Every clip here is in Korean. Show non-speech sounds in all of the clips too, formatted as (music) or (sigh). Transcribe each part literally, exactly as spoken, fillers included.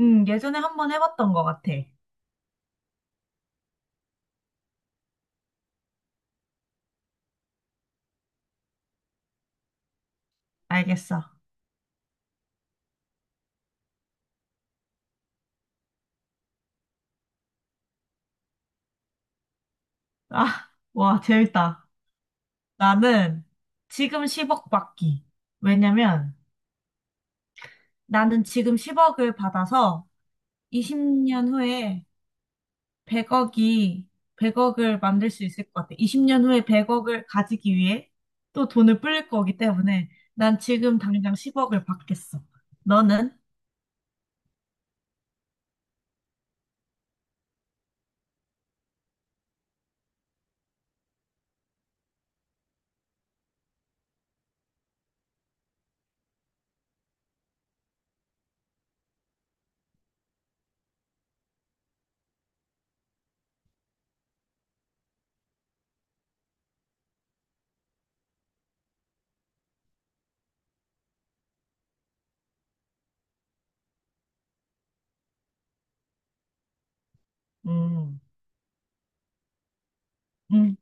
음, 예전에 한번 해봤던 것 같아. 알겠어. 아, 와, 재밌다. 나는 지금 십억 받기. 왜냐면 나는 지금 십억을 받아서 이십 년 후에 백억이 백억을 만들 수 있을 것 같아. 이십 년 후에 백억을 가지기 위해 또 돈을 불릴 거기 때문에 난 지금 당장 십억을 받겠어. 너는? 음, 음,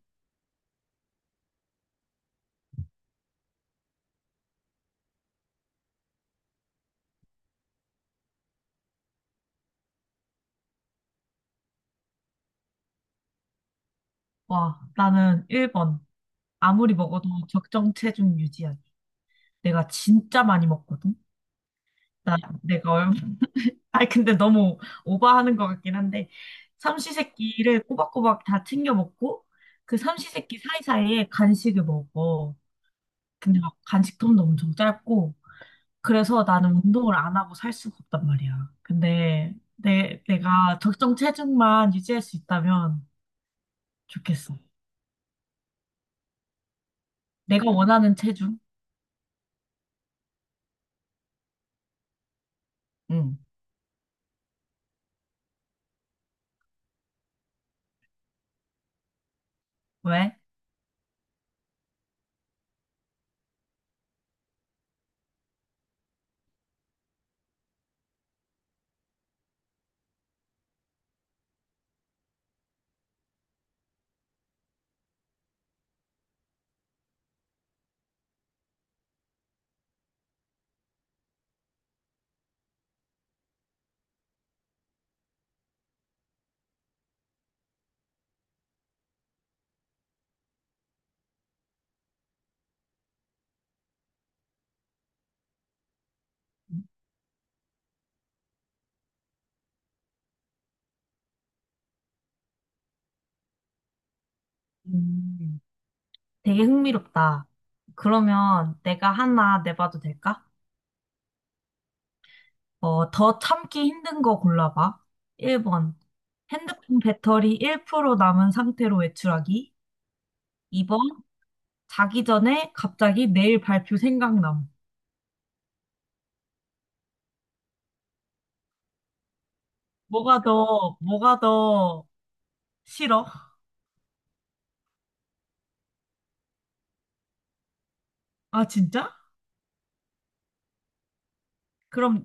와, 나는 일 번. 아무리 먹어도 적정 체중 유지하기. 내가 진짜 많이 먹거든? 나, 내가 얼마, (laughs) 아니, 근데 너무 오버하는 것 같긴 한데, 삼시세끼를 꼬박꼬박 다 챙겨 먹고, 그 삼시세끼 사이사이에 간식을 먹어. 근데 막 간식통도 엄청 짧고, 그래서 나는 운동을 안 하고 살 수가 없단 말이야. 근데 내, 내가 적정 체중만 유지할 수 있다면 좋겠어. 내가 원하는 체중? 응. 왜? 음. 되게 흥미롭다. 그러면 내가 하나 내봐도 될까? 어, 더 참기 힘든 거 골라봐. 일 번. 핸드폰 배터리 일 퍼센트 남은 상태로 외출하기. 이 번. 자기 전에 갑자기 내일 발표 생각남. 뭐가 더, 뭐가 더 싫어? 아, 진짜? 그럼,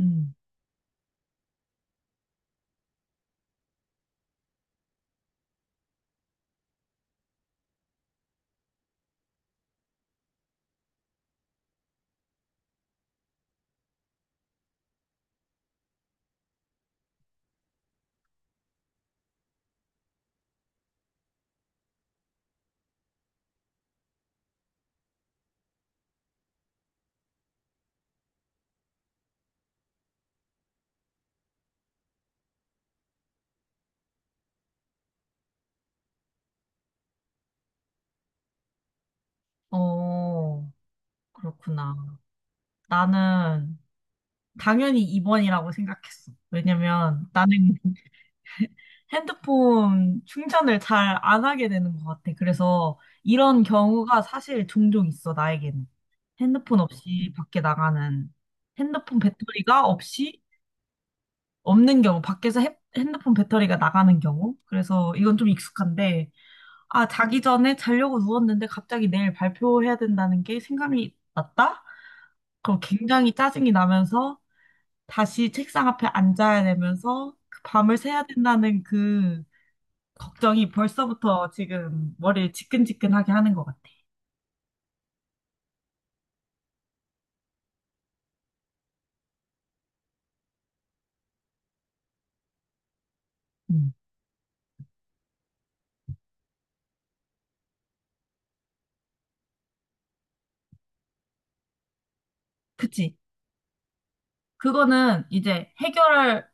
음, 어, 그렇구나. 나는 당연히 이 번이라고 생각했어. 왜냐면 나는 핸드폰 충전을 잘 안 하게 되는 것 같아. 그래서 이런 경우가 사실 종종 있어, 나에게는. 핸드폰 없이 밖에 나가는, 핸드폰 배터리가 없이 없는 경우, 밖에서 해- 핸드폰 배터리가 나가는 경우. 그래서 이건 좀 익숙한데, 아, 자기 전에 자려고 누웠는데 갑자기 내일 발표해야 된다는 게 생각이 났다? 그럼 굉장히 짜증이 나면서 다시 책상 앞에 앉아야 되면서 그 밤을 새야 된다는 그 걱정이 벌써부터 지금 머리를 지끈지끈하게 하는 것 같아. 음. 그치? 그거는 이제 해결할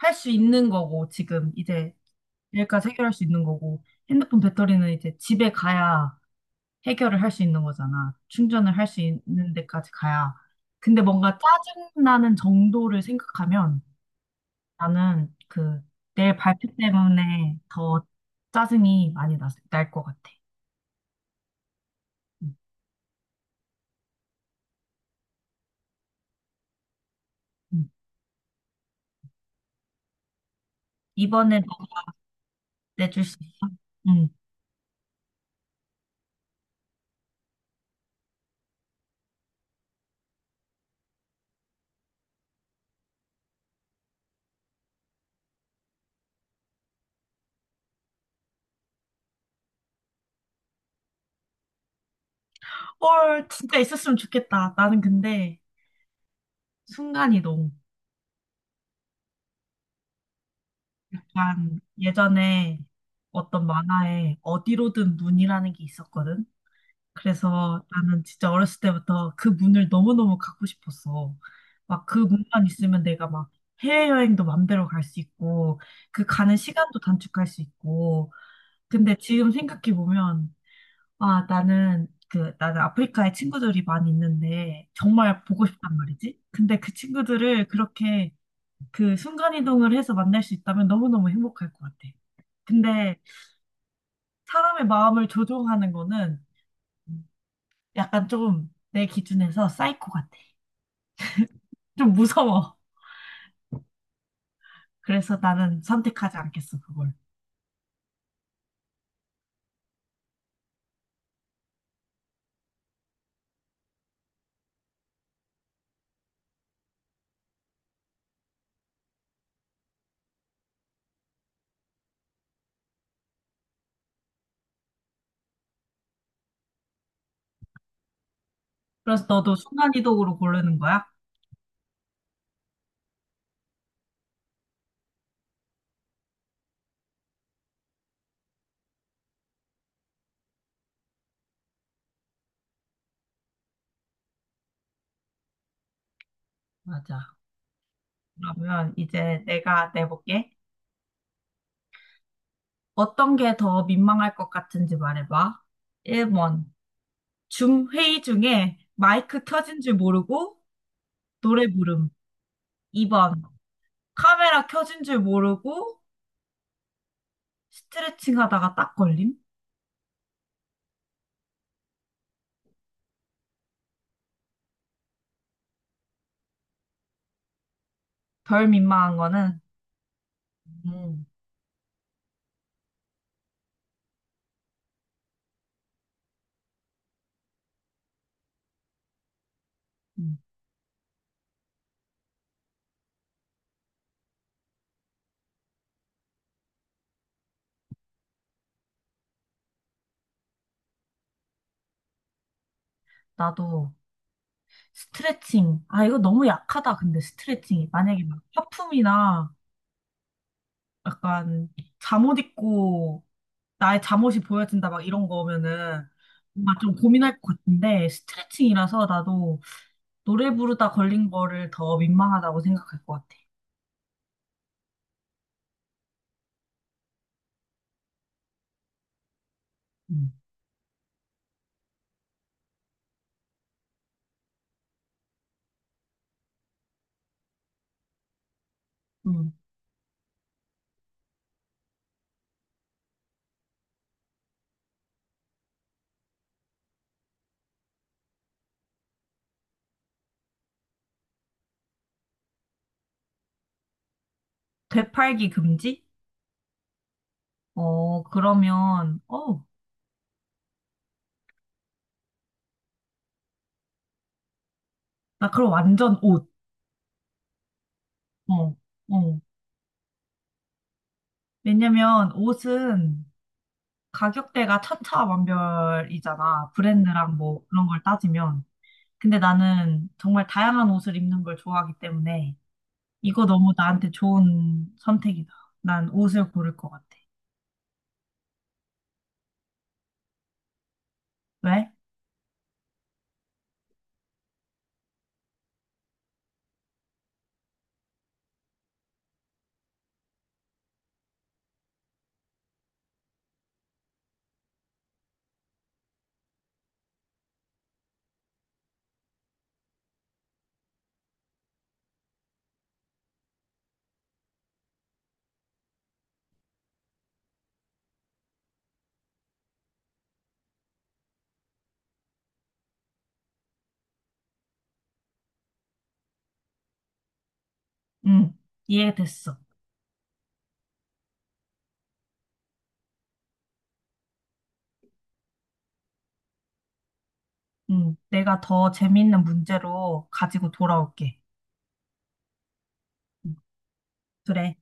할 수 있는 거고, 지금 이제 여기까지 해결할 수 있는 거고, 핸드폰 배터리는 이제 집에 가야 해결을 할 수 있는 거잖아. 충전을 할 수 있는 데까지 가야. 근데 뭔가 짜증나는 정도를 생각하면 나는 그 내 발표 때문에 더 짜증이 많이 날 것 같아. 음. 음. 이번에 너 내줄 수 있어? 응. 헐, 진짜 있었으면 좋겠다. 나는 근데 순간이동. 약간 예전에 어떤 만화에 어디로든 문이라는 게 있었거든. 그래서 나는 진짜 어렸을 때부터 그 문을 너무너무 갖고 싶었어. 막 그 문만 있으면 내가 막 해외여행도 맘대로 갈 수 있고, 그 가는 시간도 단축할 수 있고. 근데 지금 생각해보면, 아, 나는 그, 나는 아프리카에 친구들이 많이 있는데, 정말 보고 싶단 말이지. 근데 그 친구들을 그렇게 그 순간이동을 해서 만날 수 있다면 너무너무 행복할 것 같아. 근데 사람의 마음을 조종하는 거는 약간 좀 내 기준에서 사이코 같아. 좀 무서워. (laughs) 그래서 나는 선택하지 않겠어, 그걸. 그래서 너도 순간이동으로 고르는 거야? 맞아. 그러면 이제 내가 내볼게. 어떤 게 더 민망할 것 같은지 말해봐. 일 번. 줌 회의 중에 마이크 켜진 줄 모르고 노래 부름. 이 번. 카메라 켜진 줄 모르고 스트레칭 하다가 딱 걸림? 덜 민망한 거는, 음. 음, 나도 스트레칭. 아, 이거 너무 약하다, 근데 스트레칭이. 만약에 막 화품이나 약간 잠옷 입고 나의 잠옷이 보여진다, 막 이런 거면은 뭔가 좀 고민할 것 같은데, 스트레칭이라서 나도 노래 부르다 걸린 거를 더 민망하다고 생각할 것 같아. 음. 음. 되팔기 금지? 어, 그러면, 어, 나 그럼 완전 옷. 어, 어. 왜냐면 옷은 가격대가 천차만별이잖아. 브랜드랑 뭐 그런 걸 따지면. 근데 나는 정말 다양한 옷을 입는 걸 좋아하기 때문에 이거 너무 나한테 좋은 선택이다. 난 옷을 고를 것 같아. 왜? 응, 이해됐어. 응, 내가 더 재밌는 문제로 가지고 돌아올게. 응, 그래.